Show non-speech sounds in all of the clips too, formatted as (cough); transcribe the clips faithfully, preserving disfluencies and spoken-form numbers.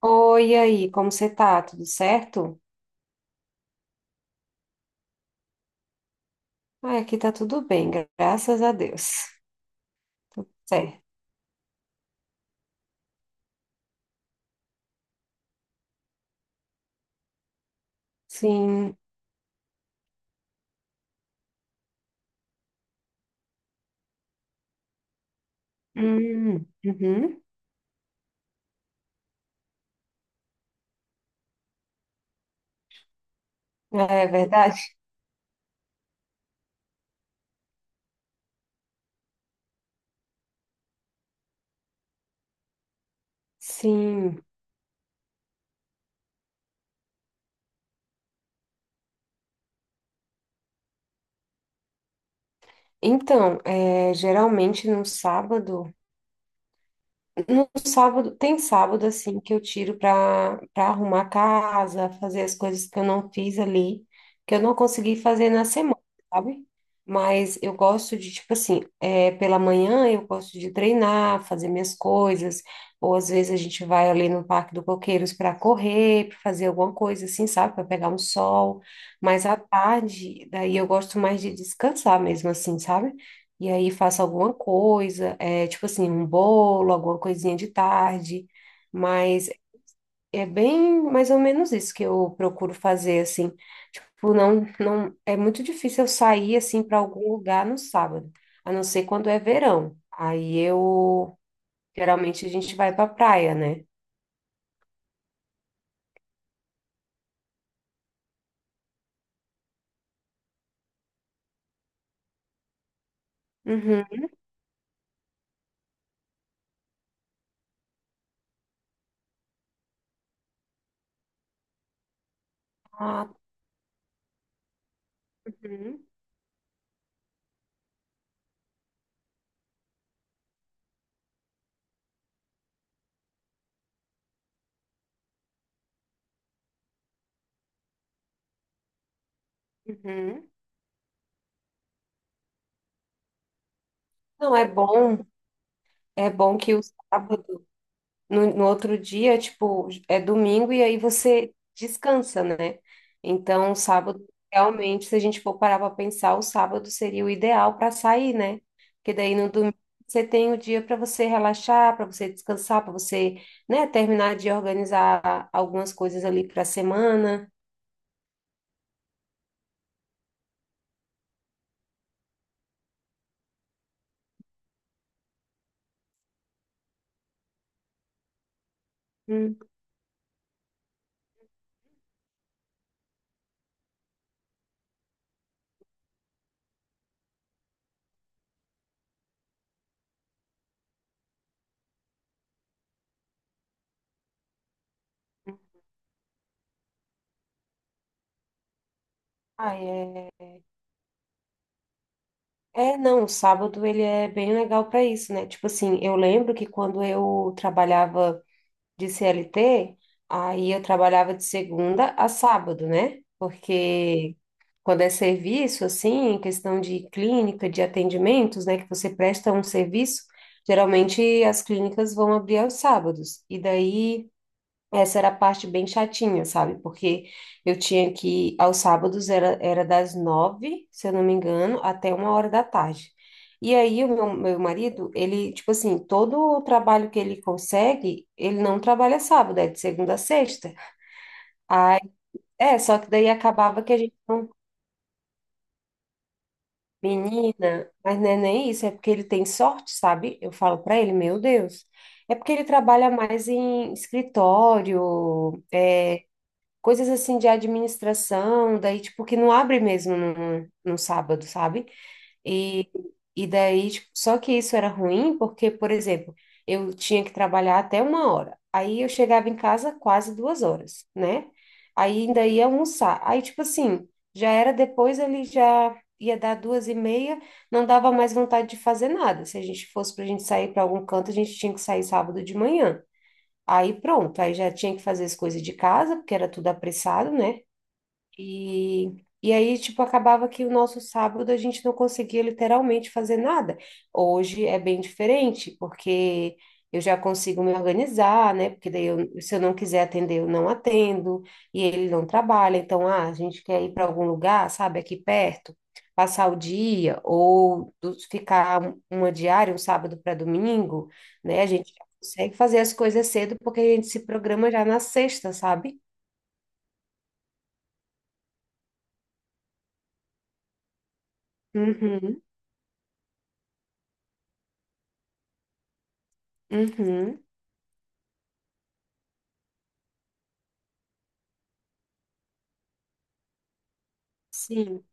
Oi, e aí, como você tá? Tudo certo? Ai, aqui tá tudo bem, graças a Deus. Tudo certo. Sim. Hum, uhum. É verdade? Sim. Então, é, geralmente no sábado. No sábado, tem sábado assim que eu tiro para para arrumar a casa, fazer as coisas que eu não fiz ali, que eu não consegui fazer na semana, sabe? Mas eu gosto de, tipo assim, é, pela manhã eu gosto de treinar, fazer minhas coisas, ou às vezes a gente vai ali no Parque do Coqueiros para correr, para fazer alguma coisa assim, sabe? Para pegar um sol. Mas à tarde, daí eu gosto mais de descansar mesmo assim, sabe? E aí faço alguma coisa. É tipo assim, um bolo, alguma coisinha de tarde, mas é bem mais ou menos isso que eu procuro fazer, assim. Tipo, não, não, é muito difícil eu sair, assim, para algum lugar no sábado, a não ser quando é verão. Aí eu, geralmente a gente vai pra praia, né? Uhum. Ah, uhum, uhum. Não, é bom, é bom que o sábado no, no outro dia, tipo, é domingo e aí você descansa, né? Então, sábado, realmente, se a gente for parar para pensar, o sábado seria o ideal para sair, né? Porque daí no domingo você tem o dia para você relaxar, para você descansar, para você, né, terminar de organizar algumas coisas ali para a semana. Hum. Ah, é... é, não, o sábado ele é bem legal para isso, né? Tipo assim, eu lembro que quando eu trabalhava de C L T, aí eu trabalhava de segunda a sábado, né? Porque quando é serviço, assim, questão de clínica, de atendimentos, né, que você presta um serviço, geralmente as clínicas vão abrir aos sábados. E daí. Essa era a parte bem chatinha, sabe? Porque eu tinha que, aos sábados, era, era das nove, se eu não me engano, até uma hora da tarde. E aí, o meu, meu marido, ele, tipo assim, todo o trabalho que ele consegue, ele não trabalha sábado, é de segunda a sexta. Aí, é, só que daí acabava que a gente não. Menina, mas não é nem isso, é porque ele tem sorte, sabe? Eu falo pra ele, meu Deus. É porque ele trabalha mais em escritório, é, coisas assim de administração, daí, tipo, que não abre mesmo no, no sábado, sabe? E, e daí, tipo, só que isso era ruim porque, por exemplo, eu tinha que trabalhar até uma hora. Aí eu chegava em casa quase duas horas, né? Aí ainda ia almoçar. Aí, tipo assim, já era depois, ele já ia dar duas e meia, não dava mais vontade de fazer nada. Se a gente fosse pra gente sair para algum canto, a gente tinha que sair sábado de manhã. Aí pronto, aí já tinha que fazer as coisas de casa, porque era tudo apressado, né? E, e aí, tipo, acabava que o nosso sábado a gente não conseguia literalmente fazer nada. Hoje é bem diferente, porque eu já consigo me organizar, né? Porque daí, eu, se eu não quiser atender, eu não atendo, e ele não trabalha. Então, ah, a gente quer ir para algum lugar, sabe, aqui perto, passar o dia, ou do- ficar um- uma diária, um sábado para domingo, né? A gente já consegue fazer as coisas cedo, porque a gente se programa já na sexta, sabe? Uhum, uhum. Sim.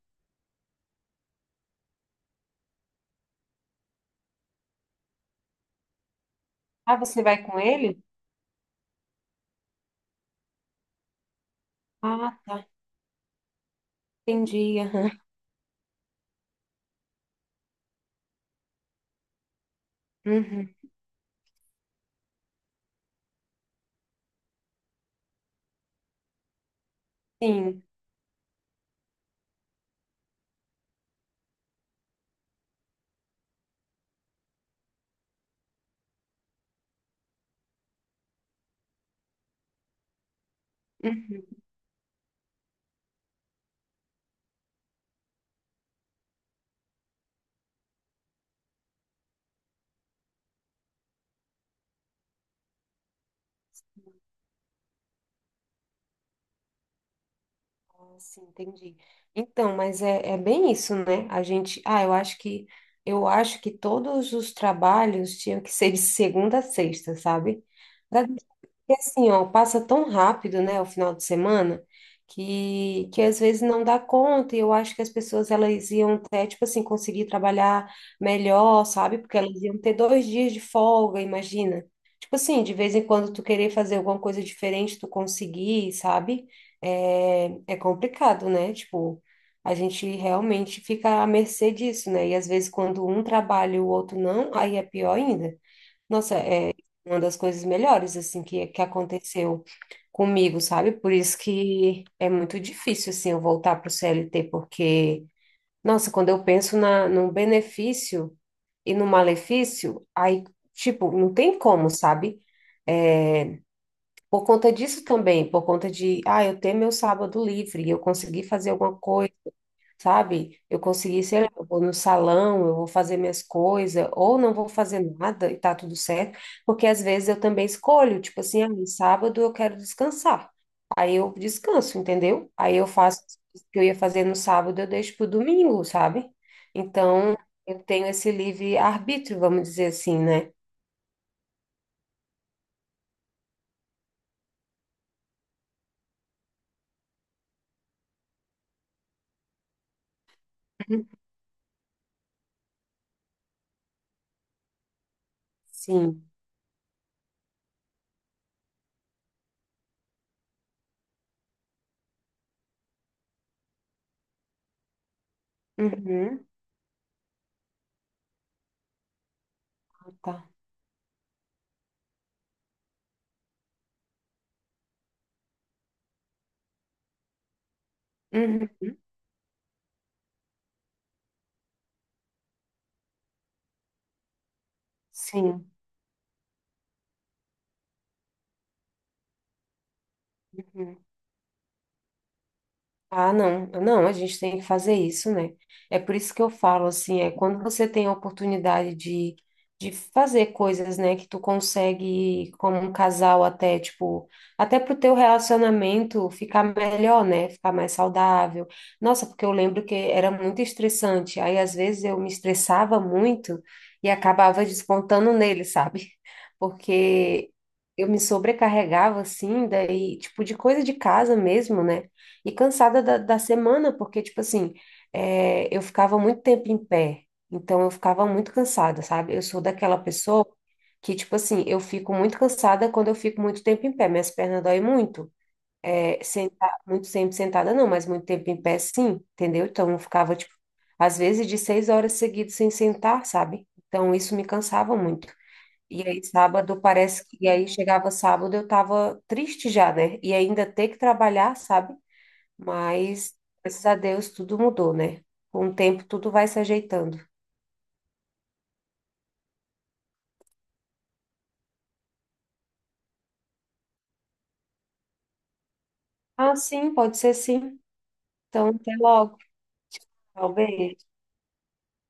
Ah, você vai com ele? Ah, tá. Entendi. Aham. Uhum. Sim. Uhum. Ah, sim, entendi. Então, mas é, é bem isso, né? A gente, ah, eu acho que eu acho que todos os trabalhos tinham que ser de segunda a sexta, sabe? Pra porque assim, ó, passa tão rápido, né, o final de semana, que, que às vezes não dá conta, e eu acho que as pessoas elas iam até, tipo assim, conseguir trabalhar melhor, sabe? Porque elas iam ter dois dias de folga, imagina. Tipo assim, de vez em quando tu querer fazer alguma coisa diferente, tu conseguir, sabe? É, é complicado, né? Tipo, a gente realmente fica à mercê disso, né? E às vezes quando um trabalha e o outro não, aí é pior ainda. Nossa, é uma das coisas melhores, assim, que, que aconteceu comigo, sabe? Por isso que é muito difícil, assim, eu voltar para o C L T, porque, nossa, quando eu penso na, no benefício e no malefício, aí, tipo, não tem como, sabe? Por conta disso também, por conta de, ah, eu ter meu sábado livre, eu consegui fazer alguma coisa, sabe? Eu consegui, sei lá, eu vou no salão, eu vou fazer minhas coisas, ou não vou fazer nada e tá tudo certo, porque às vezes eu também escolho, tipo assim, ah, no sábado eu quero descansar. Aí eu descanso, entendeu? Aí eu faço o que eu ia fazer no sábado, eu deixo pro domingo, sabe? Então, eu tenho esse livre arbítrio, vamos dizer assim, né? Uhum. Sim. Uhum. Tá. Uhum. Sim. Uhum. Ah, não, não, a gente tem que fazer isso, né? É por isso que eu falo assim, é quando você tem a oportunidade de, de fazer coisas, né, que tu consegue como um casal até, tipo, até pro teu relacionamento ficar melhor, né? Ficar mais saudável. Nossa, porque eu lembro que era muito estressante, aí às vezes eu me estressava muito e acabava descontando nele, (laughs) sabe? Porque eu me sobrecarregava assim, daí, tipo, de coisa de casa mesmo, né? E cansada da, da semana, porque, tipo assim, é, eu ficava muito tempo em pé, então eu ficava muito cansada, sabe? Eu sou daquela pessoa que, tipo assim, eu fico muito cansada quando eu fico muito tempo em pé, minhas pernas doem muito. É, sentar, muito tempo sentada, não, mas muito tempo em pé, sim, entendeu? Então eu ficava, tipo, às vezes de seis horas seguidas sem sentar, sabe? Então isso me cansava muito. E aí, sábado, parece que. E aí, chegava sábado, eu tava triste já, né? E ainda ter que trabalhar, sabe? Mas, graças a Deus, tudo mudou, né? Com o tempo, tudo vai se ajeitando. Ah, sim, pode ser sim. Então, até logo. Talvez.